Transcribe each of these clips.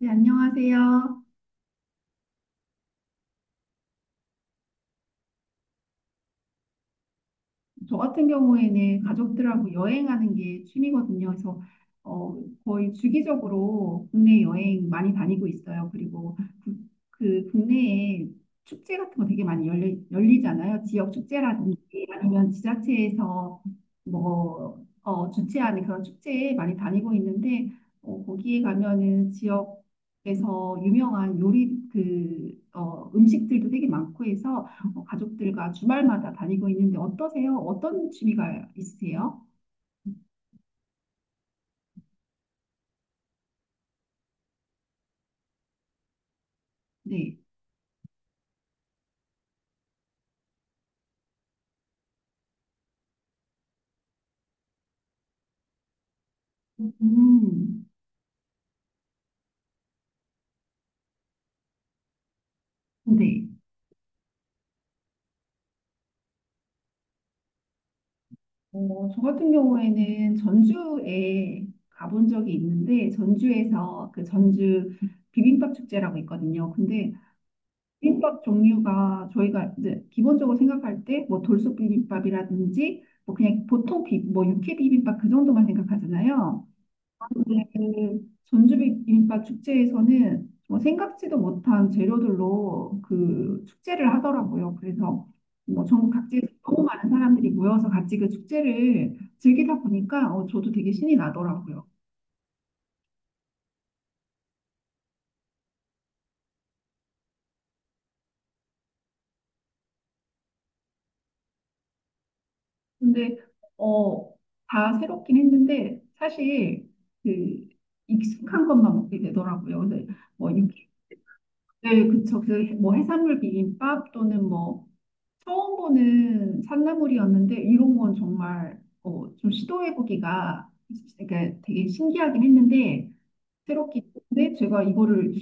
네, 안녕하세요. 저 같은 경우에는 가족들하고 여행하는 게 취미거든요. 그래서 어, 거의 주기적으로 국내 여행 많이 다니고 있어요. 그리고 그 국내에 축제 같은 거 되게 많이 열리잖아요. 지역 축제라든지 아니면 지자체에서 주최하는 그런 축제에 많이 다니고 있는데 거기에 가면은 지역에서 유명한 요리 음식들도 되게 많고 해서 뭐 가족들과 주말마다 다니고 있는데 어떠세요? 어떤 취미가 있으세요? 네. 음, 네. 어, 저 같은 경우에는 전주에 가본 적이 있는데 전주에서 그 전주 비빔밥 축제라고 있거든요. 근데 비빔밥 종류가 저희가 이제 기본적으로 생각할 때 뭐 돌솥 비빔밥이라든지 뭐 그냥 뭐 육회 비빔밥 그 정도만 생각하잖아요. 네, 전주 비빔밥 축제에서는 뭐 생각지도 못한 재료들로 그 축제를 하더라고요. 그래서 뭐 전국 각지에서 너무 많은 사람들이 모여서 같이 그 축제를 즐기다 보니까 저도 되게 신이 나더라고요. 근데 어, 다 새롭긴 했는데 사실 그 익숙한 것만 먹게 되더라고요. 근데 뭐 육회, 네, 그쵸. 그뭐 해산물 비빔밥 또는 뭐 처음 보는 산나물이었는데 이런 건 정말 좀 시도해보기가 그러니까 되게 신기하긴 했는데 새롭긴 했는데 제가 이거를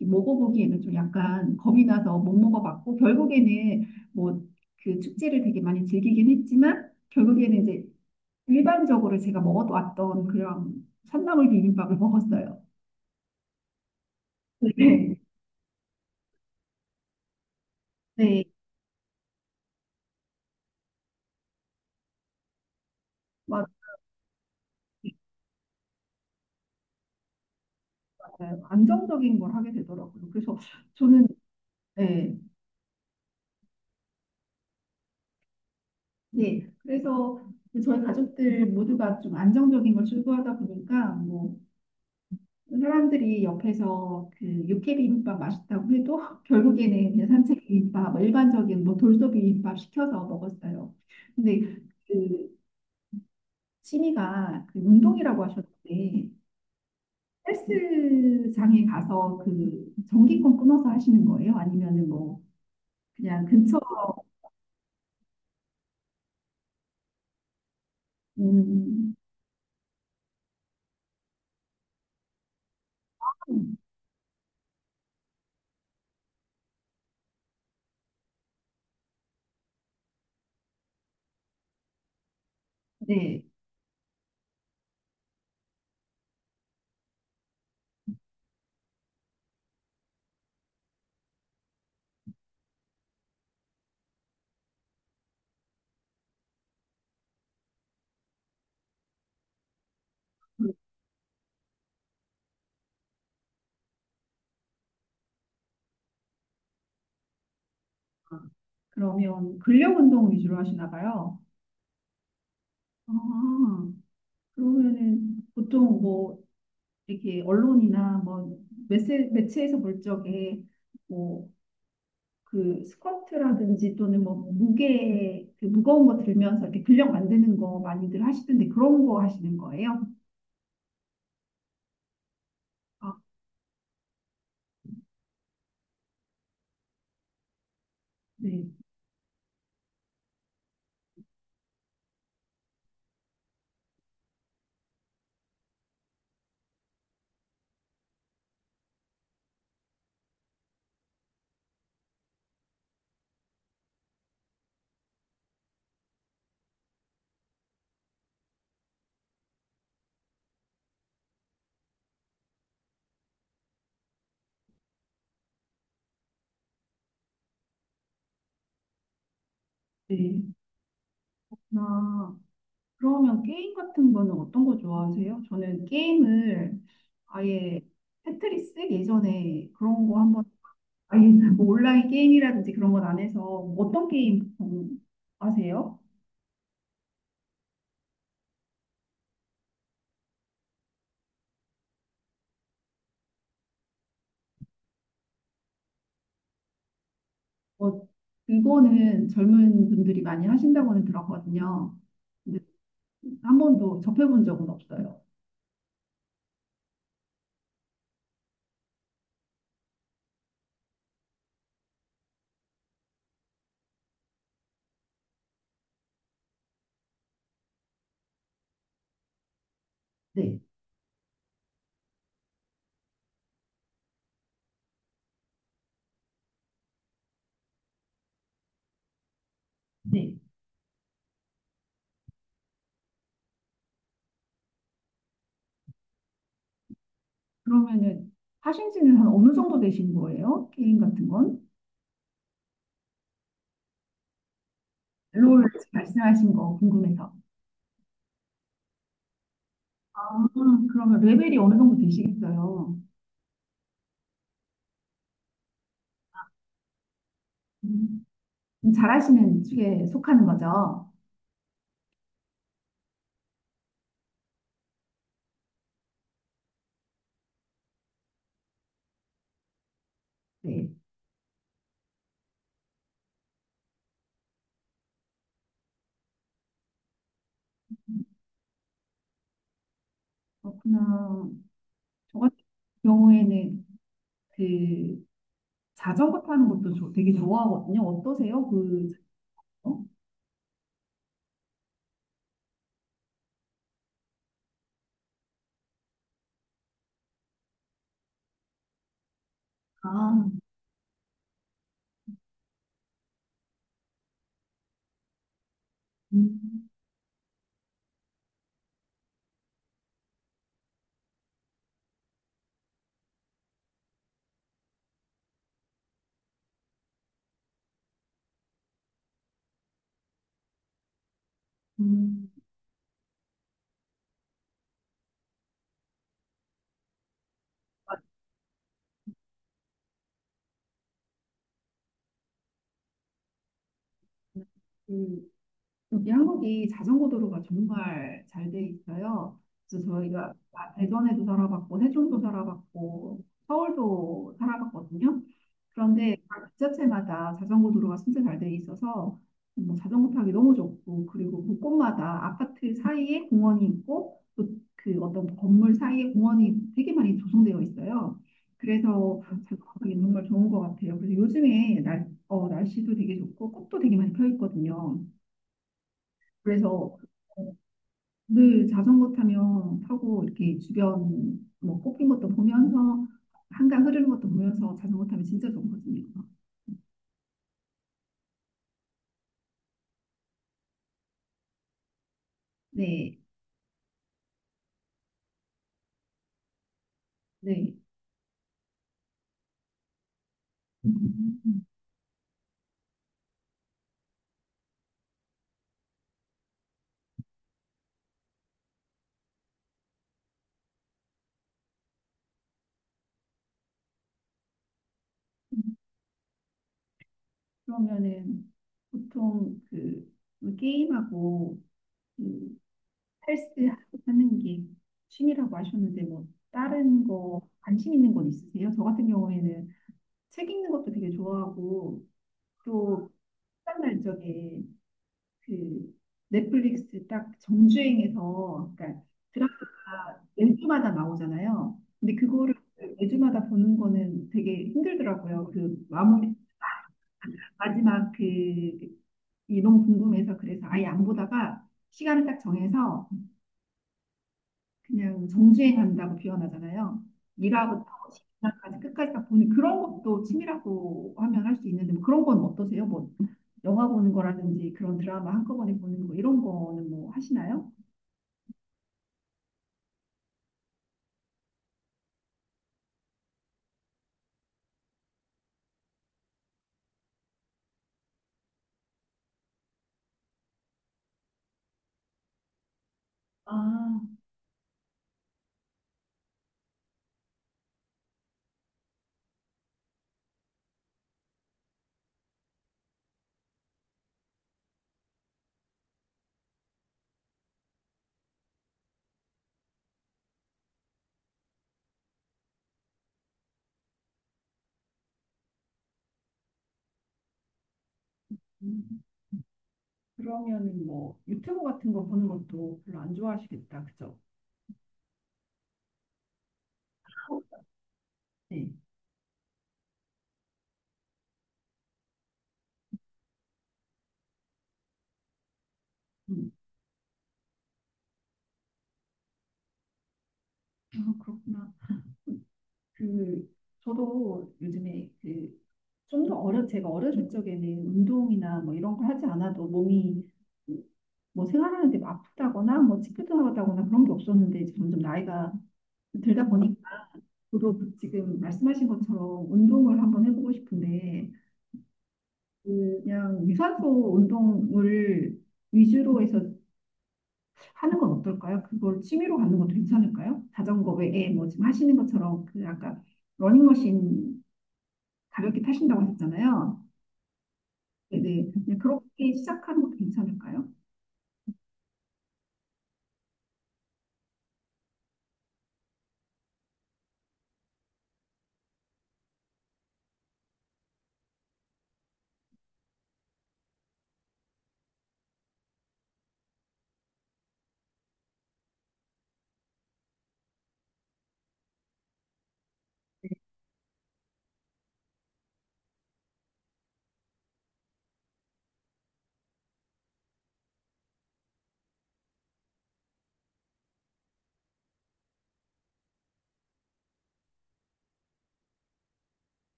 먹어보기에는 좀 약간 겁이 나서 못 먹어봤고 결국에는 뭐 그 축제를 되게 많이 즐기긴 했지만 결국에는 이제 일반적으로 제가 먹어왔던 그런 산나물 비빔밥을 먹었어요. 네. 네. 맞아요. 안정적인 걸 하게 되더라고요. 그래서 저는 네, 네, 그래서 저희 가족들 모두가 좀 안정적인 걸 추구하다 보니까 뭐 사람들이 옆에서 그 육회 비빔밥 맛있다고 해도 결국에는 그냥 산채 비빔밥, 뭐 일반적인 뭐 돌솥 비빔밥 시켜서 먹었어요. 근데 그 취미가 그 운동이라고 하셨는데 헬스장에 가서 그 전기권 끊어서 하시는 거예요? 아니면은 뭐 그냥 근처 음, 네. 그러면 근력 운동 위주로 하시나 봐요. 아, 그러면은 보통 뭐 이렇게 언론이나 뭐 매체에서 볼 적에 뭐 그 스쿼트라든지 또는 뭐 무게 그 무거운 거 들면서 이렇게 근력 만드는 거 많이들 하시던데 그런 거 하시는 거예요? 아, 네, 네. 나 그러면 게임 같은 거는 어떤 거 좋아하세요? 저는 게임을 아예 테트리스 예전에 그런 거 한번 아니, 뭐 온라인 게임이라든지 그런 건 안 해서 어떤 게임 보통 하세요? 뭐 그거는 젊은 분들이 많이 하신다고는 들었거든요. 근데 한 번도 접해본 적은 없어요. 네, 네. 그러면은 하신 지는 한 어느 정도 되신 거예요? 게임 같은 건? 롤 말씀하신 거 궁금해서. 아, 그러면 레벨이 어느 정도 되시겠어요? 음, 잘하시는 축에 속하는 거죠? 네. 그렇구나. 저 같은 경우에는 그 자전거 타는 것도 저 되게 좋아하거든요. 어떠세요? 그, 자전거? 아, 음, 음. 그 여기 한국이 자전거 도로가 정말 잘 돼 있어요. 그래서 저희가 아, 대전에도 살아봤고 세종도 살아봤고 서울도 살아봤거든요. 그런데 각 지자체마다 자전거 도로가 진짜 잘 돼 있어서 뭐 자전거 타기 너무 좋고 그리고 곳곳마다 아파트 사이에 공원이 있고 또 그 어떤 건물 사이에 공원이 되게 많이 조성되어 있어요. 그래서 자전거 타기 정말 좋은 것 같아요. 그래서 요즘에 날씨도 되게 좋고 꽃도 되게 많이 펴 있거든요. 그래서 어, 늘 자전거 타면 타고 이렇게 주변 뭐 꽃핀 것도 보면서 한강 흐르는 것도 보면서 자전거 타면 진짜 좋거든요. 네, 네. 음. 그러면은 보통 그 뭐 게임하고 그 헬스하고 하는 게 취미라고 하셨는데 뭐 다른 거 관심 있는 건 있으세요? 저 같은 경우에는 책 읽는 것도 되게 좋아하고 또 시간 날 적에 그 넷플릭스 딱 정주행해서 그러니까 드라마가 매주마다 나오잖아요. 근데 그거를 매주마다 보는 거는 되게 힘들더라고요. 그 마무리 마지막 그 이 너무 궁금해서 그래서 아예 안 보다가 시간을 딱 정해서 그냥 정주행한다고 표현하잖아요. 일화부터 10까지 끝까지 다 보는 그런 것도 취미라고 하면 할 수 있는데 뭐 그런 건 어떠세요? 뭐 영화 보는 거라든지 그런 드라마 한꺼번에 보는 거 이런 거는 뭐 하시나요? 아, 음, 그러면은 뭐 유튜브 같은 거 보는 것도 별로 안 좋아하시겠다, 그죠? 네. 음. 아, 그렇구나. 그 저도 요즘에 그 좀 더 어려 제가 어렸을 적에는 운동이나 뭐 이런 거 하지 않아도 몸이 뭐 생활하는데 뭐 아프다거나 뭐 찌뿌둥하다거나 그런 게 없었는데 이제 점점 나이가 들다 보니까 저도 지금 말씀하신 것처럼 운동을 한번 해보고 싶은데 그냥 유산소 운동을 위주로 해서 하는 건 어떨까요? 그걸 취미로 갖는 것도 괜찮을까요? 자전거 외에 뭐 지금 하시는 것처럼 그 아까 러닝머신 가볍게 타신다고 하셨잖아요. 네네. 그냥 그렇게 시작하는 것도 괜찮을까요?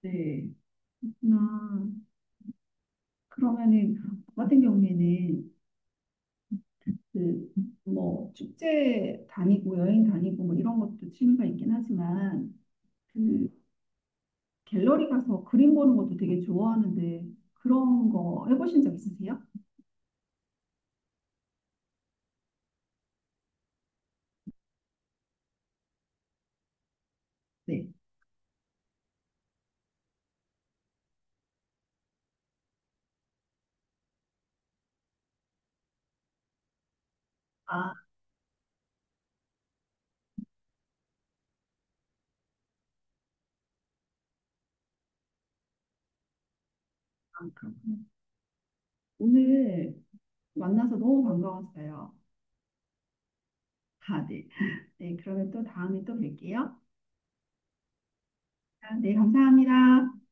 네. 나 그러면은 저 같은 경우에는 그 뭐 축제 다니고 여행 다니고 뭐 이런 것도 취미가 있긴 하지만 그 갤러리 가서 그림 보는 것도 되게 좋아하는데 그런 거 해보신 적 있으세요? 네. 아, 그렇군요. 오늘 만나서 너무 반가웠어요. 아, 네. 네, 그러면 또 다음에 또 뵐게요. 아, 네, 감사합니다.